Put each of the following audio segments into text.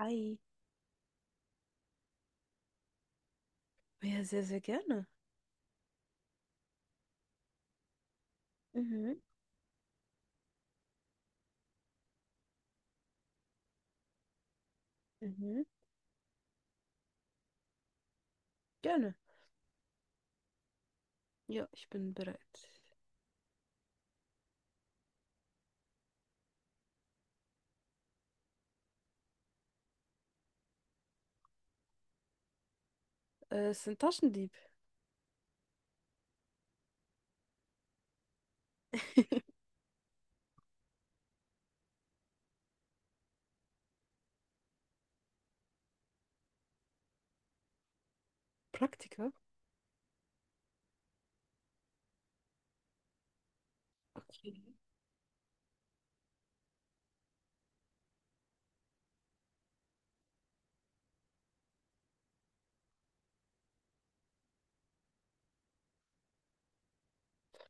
Hi. Ja, sehr, sehr gerne. Mhm, mhm, gerne. Ja, ich bin bereit. Es sind Taschendieb. Praktiker? Okay.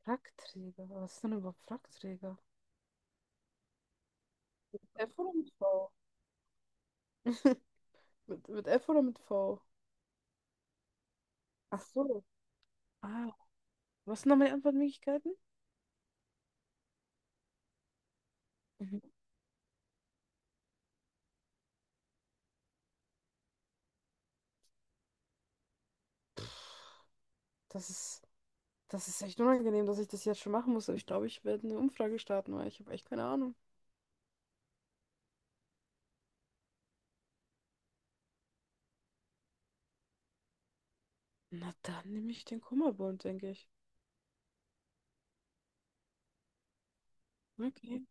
Frackträger. Was ist denn überhaupt Frackträger? F oder mit V? Mit F oder mit V? Ach so. Ah, was sind noch meine Antwortmöglichkeiten? Mhm. Das ist, das ist echt unangenehm, dass ich das jetzt schon machen muss. Aber ich glaube, ich werde eine Umfrage starten, weil ich habe echt keine Ahnung. Na, dann nehme ich den Kummerbund, denke ich. Okay.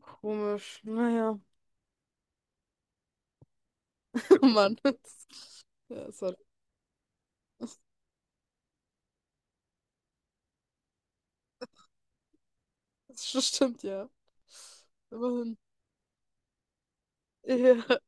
Komisch. Naja. Oh Mann. Ja, sorry. Stimmt, ja. Immerhin. Ja.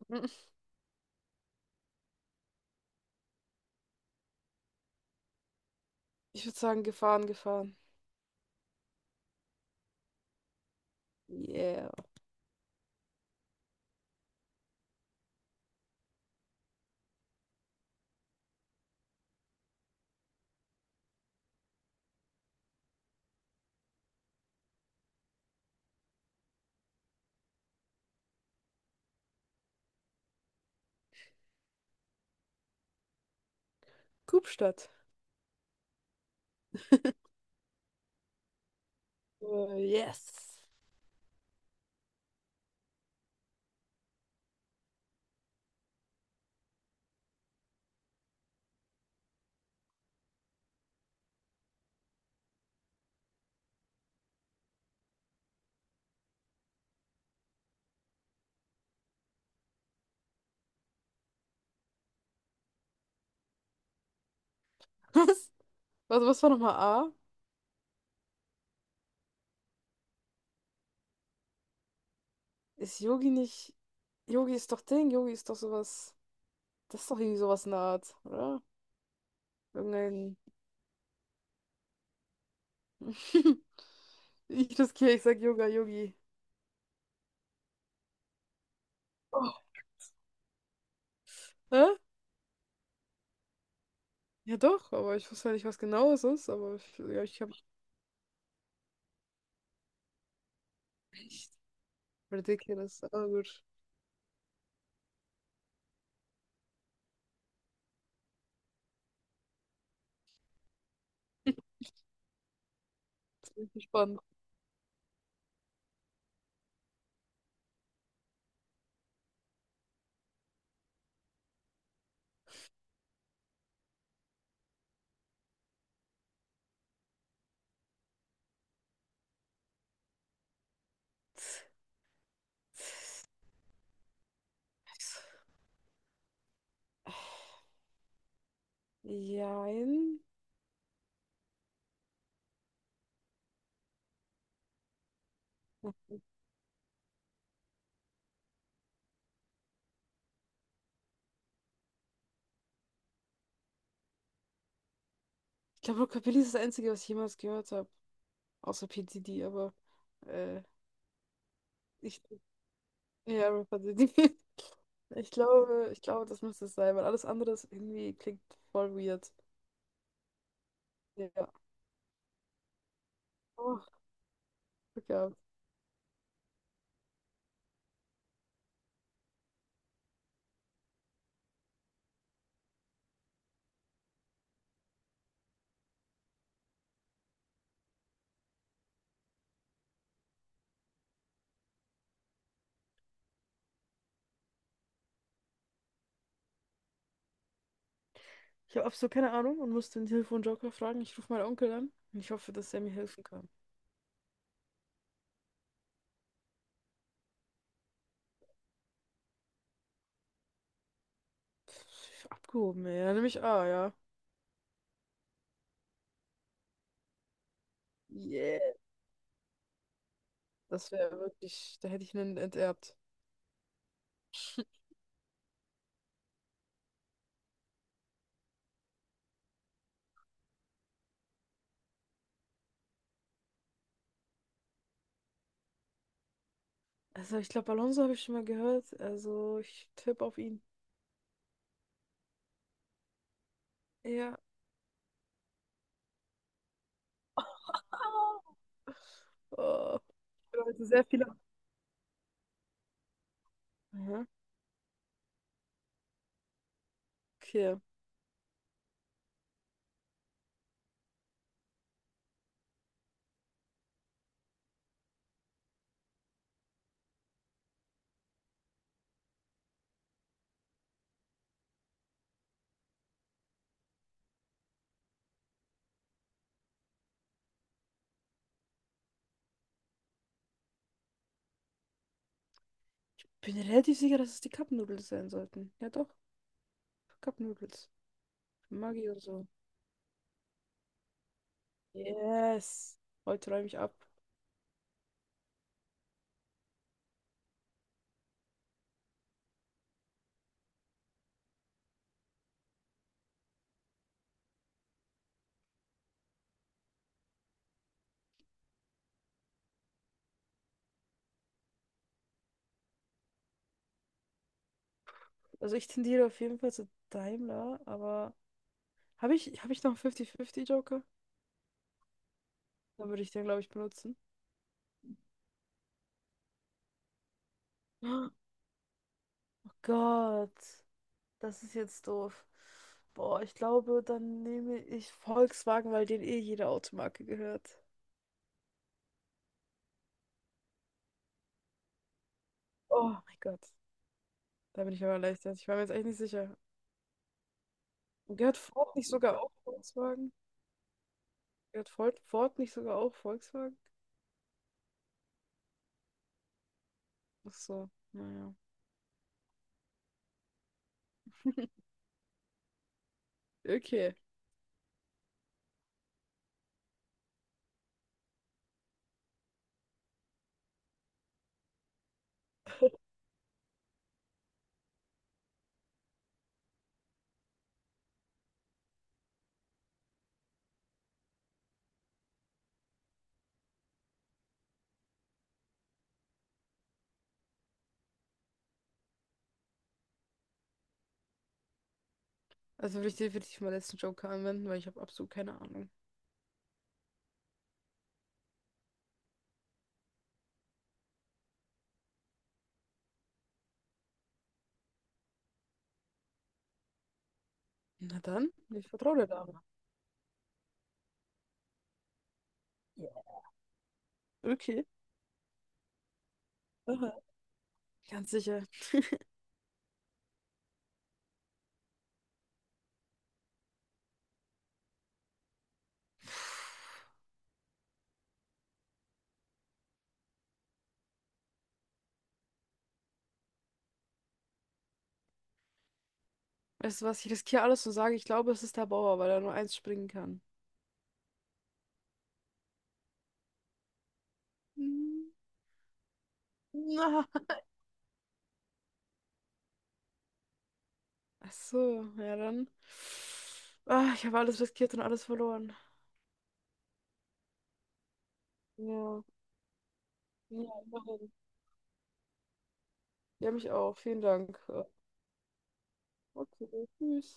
Ich würde sagen, gefahren, gefahren. Yeah. Kupstadt. Yes. Was, was war nochmal A? Ist Yogi nicht. Yogi ist doch Ding, Yogi ist doch sowas. Das ist doch irgendwie sowas in der Art, oder? Irgendein. Ich riskiere, ich sag Yoga, Yogi. Oh. Hä? Ja doch, aber ich wusste ja nicht, was genau es ist, aber ich, ja, ich habe echt ridiculous. Aber gut. Bin gespannt. Jein. Ich glaube, Rockabilly ist das Einzige, was ich jemals gehört habe. Außer P. Diddy, aber äh, ich. Ja, Rapper Diddy. Ich glaube, das müsste es sein, weil alles andere ist irgendwie klingt voll weird. Ja. Oh, Glück gehabt. Ich habe absolut keine Ahnung und musste den Telefonjoker fragen. Ich rufe meinen Onkel an und ich hoffe, dass er mir helfen kann. Pff, Abgehoben, ey. Dann nehme ich A, ja. Yeah. Das wäre wirklich, da hätte ich einen enterbt. Also ich glaube, Alonso habe ich schon mal gehört. Also ich tippe auf ihn. Ja. Oh, ich sehr viele. Aha. Okay. Ich bin relativ sicher, dass es die Cup Noodles sein sollten. Ja doch, Cup Noodles. Maggi und so. Yes. Heute räume ich ab. Also ich tendiere auf jeden Fall zu Daimler, aber habe ich noch einen 50-50 Joker? Dann würde ich den, glaube ich, benutzen. Oh Gott. Das ist jetzt doof. Boah, ich glaube, dann nehme ich Volkswagen, weil denen eh jede Automarke gehört. Oh mein Gott, da bin ich aber erleichtert. Ich war mir jetzt echt nicht sicher. Gehört Ford nicht sogar auch Volkswagen? Gehört Ford nicht sogar auch Volkswagen? Ach so, naja. Okay. Also will ich definitiv meinen letzten Joker anwenden, weil ich habe absolut keine Ahnung. Na dann, ich vertraue der Dame. Ja. Okay. Aha. Ganz sicher. Weißt du was, ich riskiere alles und sage, ich glaube, es ist der Bauer, weil er nur eins springen kann. Hm. Na, ach so, ja dann. Ah, ich habe alles riskiert und alles verloren. Ja, ja, immerhin. Ja, mich auch. Vielen Dank. Ja, okay, tschüss.